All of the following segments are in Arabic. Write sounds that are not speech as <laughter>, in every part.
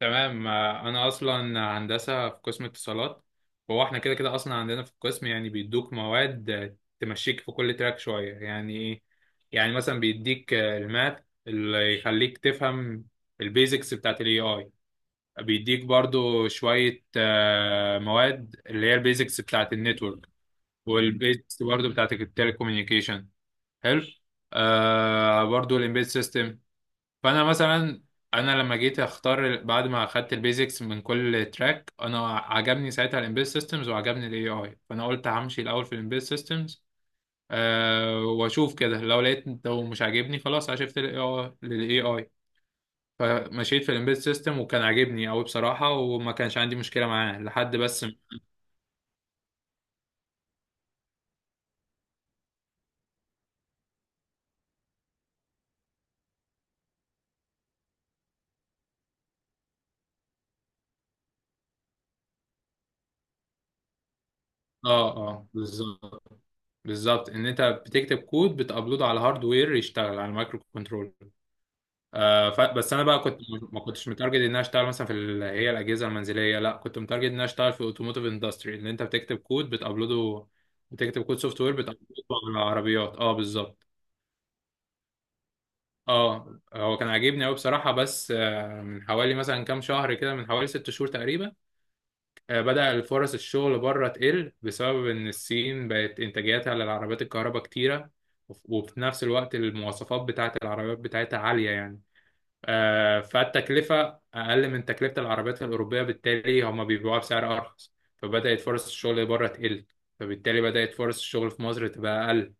تمام. انا اصلا هندسه في قسم اتصالات. هو احنا كده كده اصلا عندنا في القسم يعني بيدوك مواد تمشيك في كل تراك شويه، يعني ايه، يعني مثلا بيديك الماث اللي يخليك تفهم البيزكس بتاعت الاي اي، بيديك برضو شويه مواد اللي هي البيزكس بتاعت النتورك، والبيزكس برضو بتاعت التليكوميونيكيشن. حلو. آه، برضو الامبيد سيستم. فانا مثلا انا لما جيت اختار بعد ما اخدت البيزكس من كل تراك، انا عجبني ساعتها الامبيد سيستمز وعجبني الاي اي، فانا قلت همشي الاول في الامبيد سيستمز، أه، واشوف كده لو لقيت، لو مش عاجبني خلاص هشفت للاي اي. فمشيت في الامبيد سيستم وكان عاجبني قوي بصراحه، وما كانش عندي مشكله معاه لحد بس. اه بالظبط. بالظبط، ان انت بتكتب كود بتابلوده على هاردوير يشتغل على المايكرو كنترول. بس انا بقى كنت ما كنتش متارجت ان انا اشتغل مثلا في هي الاجهزه المنزليه، لا كنت متارجت ان انا اشتغل في اوتوموتيف اندستري، ان انت بتكتب كود بتابلوده، بتكتب كود سوفت وير بتابلوده على العربيات. اه، بالظبط. اه، هو كان عاجبني قوي بصراحه، بس من حوالي مثلا كام شهر كده، من حوالي ست شهور تقريبا، بدأ الفرص الشغل بره تقل بسبب ان الصين بقت انتاجيتها للعربيات الكهرباء كتيره. وفي نفس الوقت المواصفات بتاعت العربيات بتاعتها عاليه يعني، فالتكلفة أقل من تكلفة العربيات الأوروبية، بالتالي هما بيبيعوها بسعر أرخص، فبدأت فرص الشغل بره تقل، فبالتالي بدأت فرص الشغل في مصر تبقى أقل.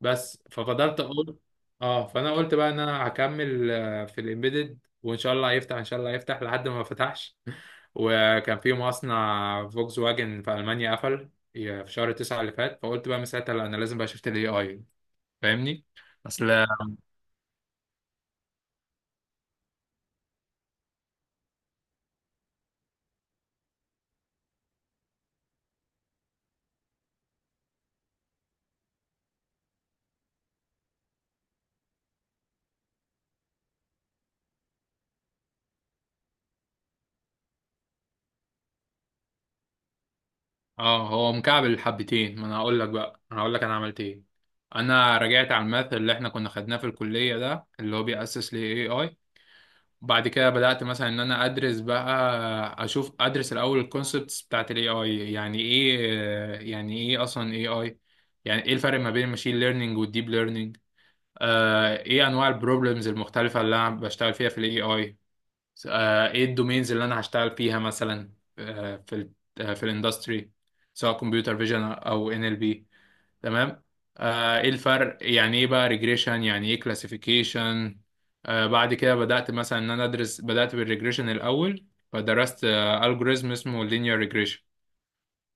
بس ففضلت أقول، أه، فأنا قلت بقى إن أنا هكمل في الإمبيدد، وإن شاء الله هيفتح، إن شاء الله هيفتح. لحد ما فتحش <laughs> وكان في مصنع فولكس واجن في ألمانيا قفل في شهر تسعة اللي فات، فقلت بقى من ساعتها لا، أنا لازم بقى شفت ال AI. فاهمني؟ أصل، اه، هو مكعب الحبتين. ما انا هقول لك بقى انا هقول لك انا عملت ايه. انا رجعت على الماث اللي احنا كنا خدناه في الكليه، ده اللي هو بيأسس ل AI. بعد كده بدأت مثلا ان انا ادرس بقى، اشوف، ادرس الاول الكونسبتس بتاعت ال AI. يعني ايه، يعني ايه اصلا AI، يعني ايه الفرق ما بين الماشين ليرنينج والديب ليرنينج، آه، ايه انواع البروبلمز المختلفه اللي انا بشتغل فيها في ال AI، ايه الدومينز اللي انا هشتغل فيها مثلا، آه، في ال آه، في الاندستري، سواء كمبيوتر فيجن او ان ال بي، تمام، ايه الفرق، يعني ايه بقى ريجريشن، يعني ايه كلاسيفيكيشن. بعد كده بدأت مثلا ان انا ادرس، بدأت بالريجريشن الاول، فدرست الجوريزم اسمه لينير ريجريشن.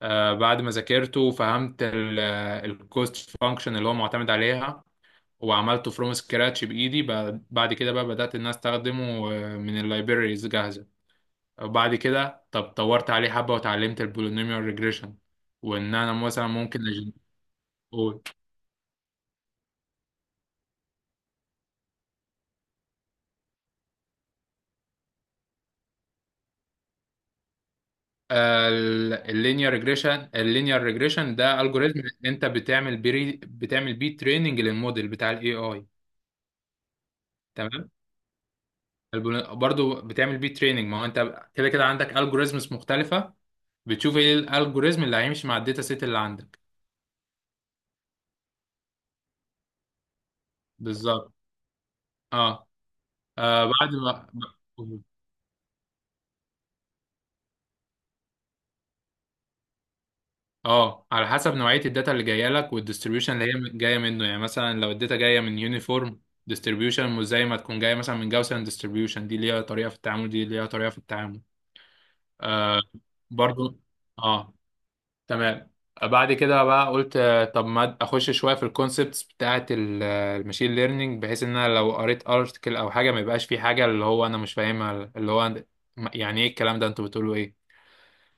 بعد ما ذاكرته وفهمت الكوست فانكشن اللي هو معتمد عليها، وعملته فروم سكراتش بايدي، بعد كده بقى بدأت ان انا استخدمه من اللايبريز جاهزة. وبعد كده، طب، طورت عليه حبة وتعلمت البولينوميال ريجريشن، وان انا مثلا ممكن اقول، اللينير ريجريشن ده الجوريزم انت بتعمل بيه، بتعمل بيه تريننج للموديل بتاع الاي اي. تمام. برضو بتعمل بيه تريننج، ما هو انت كده كده عندك الجوريزمز مختلفة، بتشوف ايه الالجوريزم اللي هيمشي مع الداتا سيت اللي عندك. بالظبط. اه. آه، بعد ما اه، على حسب نوعية الداتا اللي جاية لك والديستريبيوشن اللي هي جاية منه. يعني مثلا لو الداتا جاية من يونيفورم ديستريبيوشن، مش زي ما تكون جاية مثلا من جاوسن ديستريبيوشن، دي ليها طريقة في التعامل، دي ليها طريقة في التعامل. آه. برضو. اه. تمام. بعد كده بقى قلت، آه، طب ما اخش شوية في الكونسبتس بتاعة الماشين ليرنينج، بحيث ان انا لو قريت ارتكل او حاجة ما يبقاش في حاجة اللي هو انا مش فاهمها، اللي هو يعني ايه الكلام ده، انتوا بتقولوا ايه.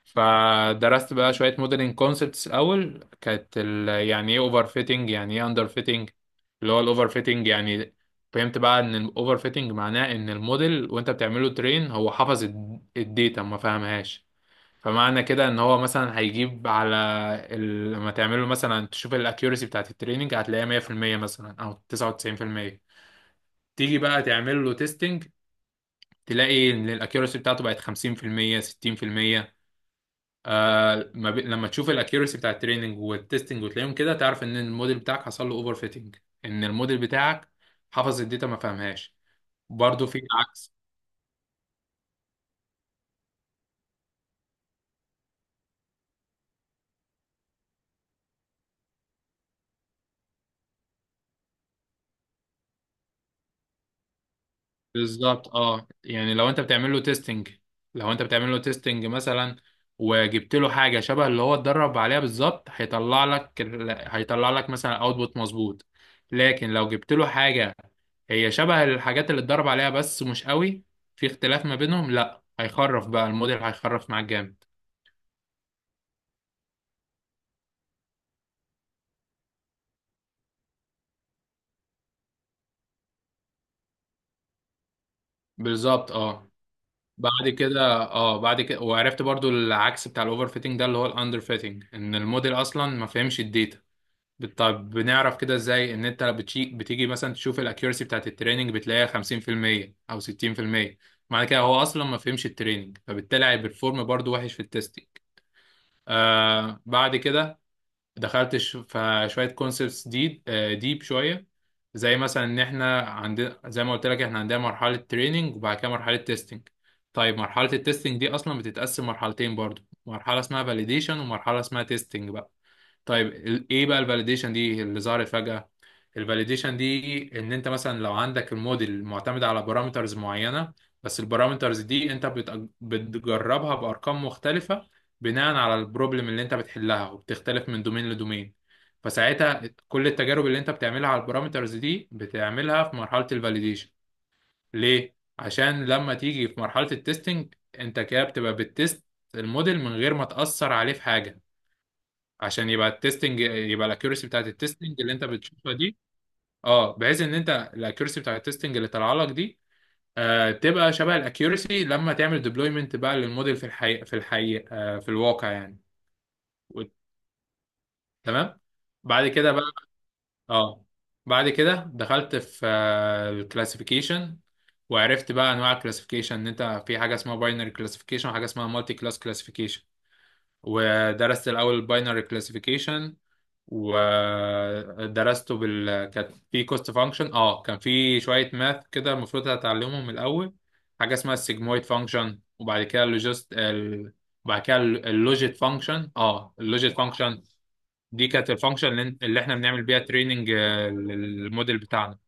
فدرست بقى شوية موديلنج كونسبتس. الأول كانت يعني إيه أوفر فيتنج، يعني إيه أندر فيتنج. اللي هو الأوفر فيتنج يعني، فهمت بقى إن الأوفر فيتنج معناه إن الموديل وأنت بتعمله ترين، هو حفظ الداتا ما فهمهاش. فمعنى كده إن هو مثلا هيجيب على لما تعمله مثلا تشوف الأكيورسي بتاعت التريننج، هتلاقيها 100% مثلا، أو 99%. تيجي بقى تعمل له تيستنج، تلاقي إن الأكيورسي بتاعته بقت 50%، 60%. آه ما بي... لما تشوف الاكيورسي بتاع التريننج والتستنج وتلاقيهم كده، تعرف ان الموديل بتاعك حصل له اوفر فيتنج، ان الموديل بتاعك حفظ الداتا ما فهمهاش. برضه في العكس. بالظبط. اه. يعني لو انت بتعمل له تيستنج، لو انت بتعمل له تيستنج مثلا وجبت له حاجه شبه اللي هو اتدرب عليها بالظبط، هيطلع لك هيطلع لك مثلا اوتبوت مظبوط. لكن لو جبت له حاجه هي شبه الحاجات اللي اتدرب عليها بس مش قوي، في اختلاف ما بينهم، لا هيخرف بقى الموديل، هيخرف معاك جامد. بالظبط. اه. بعد كده، اه، بعد كده، وعرفت برضو العكس بتاع الاوفر فيتنج، ده اللي هو الاندر فيتنج، ان الموديل اصلا ما فهمش الداتا. طب بنعرف كده ازاي؟ ان انت بتيجي مثلا تشوف الاكيورسي بتاعت التريننج، بتلاقيها 50% او 60%. معنى كده هو اصلا ما فهمش التريننج، فبالتالي هيبرفورم برضو وحش في التستنج. آه. بعد كده دخلت في شويه كونسبتس دي ديب شويه. زي مثلا ان احنا عندنا، زي ما قلت لك، احنا عندنا مرحله تريننج وبعد كده مرحله تيستنج. طيب مرحله التيستنج دي اصلا بتتقسم مرحلتين برضو، مرحله اسمها فاليديشن ومرحله اسمها تيستنج. طيب ايه بقى الفاليديشن دي اللي ظهرت فجأة؟ الفاليديشن دي، ان انت مثلا لو عندك الموديل معتمد على بارامترز معينة، بس البارامترز دي انت بتجربها بارقام مختلفة بناء على البروبلم اللي انت بتحلها، وبتختلف من دومين لدومين. فساعتها كل التجارب اللي انت بتعملها على البارامترز دي بتعملها في مرحلة الفاليديشن. ليه؟ عشان لما تيجي في مرحلة التستنج، انت كده بتبقى بتست الموديل من غير ما تأثر عليه في حاجة، عشان يبقى التستنج، يبقى الاكيورسي بتاعت التستنج اللي انت بتشوفها دي، اه، بحيث ان انت الاكيورسي بتاعت التستنج اللي طالعه لك دي، آه، تبقى شبه الاكيورسي لما تعمل ديبلويمنت بقى للموديل في الحقيقه، في الحقيقه، آه، في الواقع يعني. و- تمام. بعد كده بقى، اه، بعد كده دخلت في الكلاسيفيكيشن. وعرفت بقى انواع الكلاسيفيكيشن، ان انت في حاجه اسمها باينري كلاسيفيكيشن وحاجه اسمها مالتي كلاس كلاسيفيكيشن. ودرست الاول الباينري كلاسيفيكيشن، ودرسته بال، كانت في كوست فانكشن. اه، كان في شويه ماث كده المفروض هتعلمهم الاول، حاجه اسمها السيجمويد فانكشن، وبعد كده اللوجيت فانكشن. اه، اللوجيت فانكشن دي كانت الفانكشن اللي اللي احنا بنعمل بيها تريننج للموديل بتاعنا.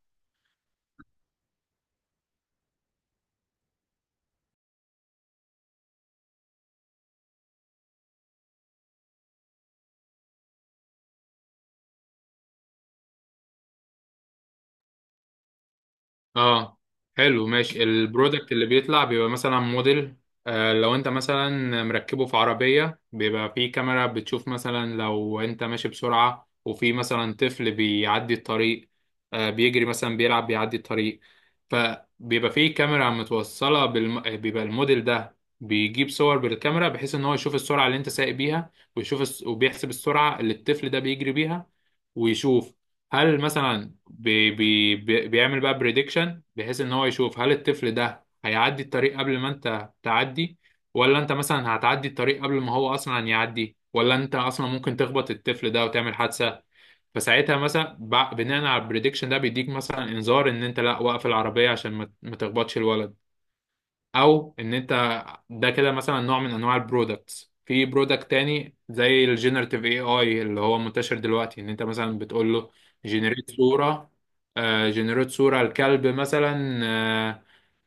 اه. حلو، ماشي. البرودكت اللي بيطلع بيبقى مثلا موديل، آه، لو انت مثلا مركبه في عربية، بيبقى فيه كاميرا بتشوف مثلا لو انت ماشي بسرعة وفي مثلا طفل بيعدي الطريق، آه، بيجري مثلا بيلعب بيعدي الطريق، فبيبقى فيه كاميرا متوصلة بالم... آه، بيبقى الموديل ده بيجيب صور بالكاميرا بحيث ان هو يشوف السرعة اللي انت سايق بيها، وبيحسب السرعة اللي الطفل ده بيجري بيها، ويشوف هل مثلا بيعمل بقى بريدكشن، بحيث ان هو يشوف هل الطفل ده هيعدي الطريق قبل ما انت تعدي، ولا انت مثلا هتعدي الطريق قبل ما هو اصلا يعدي، ولا انت اصلا ممكن تخبط الطفل ده وتعمل حادثة. فساعتها مثلا، بناء على البريدكشن ده، بيديك مثلا انذار ان انت لا، وقف العربية عشان ما تخبطش الولد، او ان انت. ده كده مثلا نوع من انواع البرودكتس. في برودكت تاني زي الجينيراتيف اي اي اللي هو منتشر دلوقتي، ان انت مثلا بتقول له جنريت صورة، آه، جنريت صورة الكلب مثلا، آه،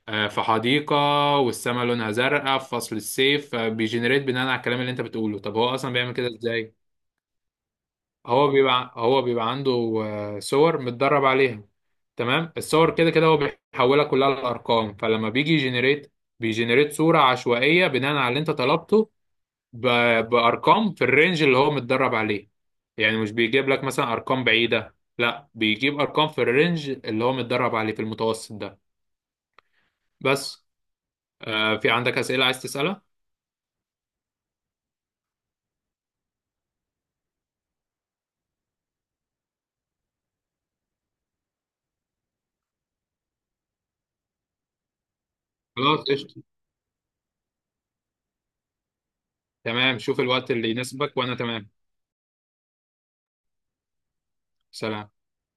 آه، في حديقة والسماء لونها زرقاء في فصل الصيف، بيجنريت بناء على الكلام اللي انت بتقوله. طب هو اصلا بيعمل كده ازاي؟ هو بيبقى عنده صور متدرب عليها، تمام، الصور كده كده هو بيحولها كلها لارقام، فلما بيجي يجنريت، بيجنريت صورة عشوائية بناء على اللي انت طلبته ب... بارقام في الرينج اللي هو متدرب عليه. يعني مش بيجيب لك مثلا ارقام بعيدة، لا، بيجيب ارقام في الرينج اللي هو متدرب عليه في المتوسط ده. بس. آه، في عندك اسئلة عايز تسألها؟ خلاص، قشطة. تمام، شوف الوقت اللي يناسبك وانا تمام. سلام.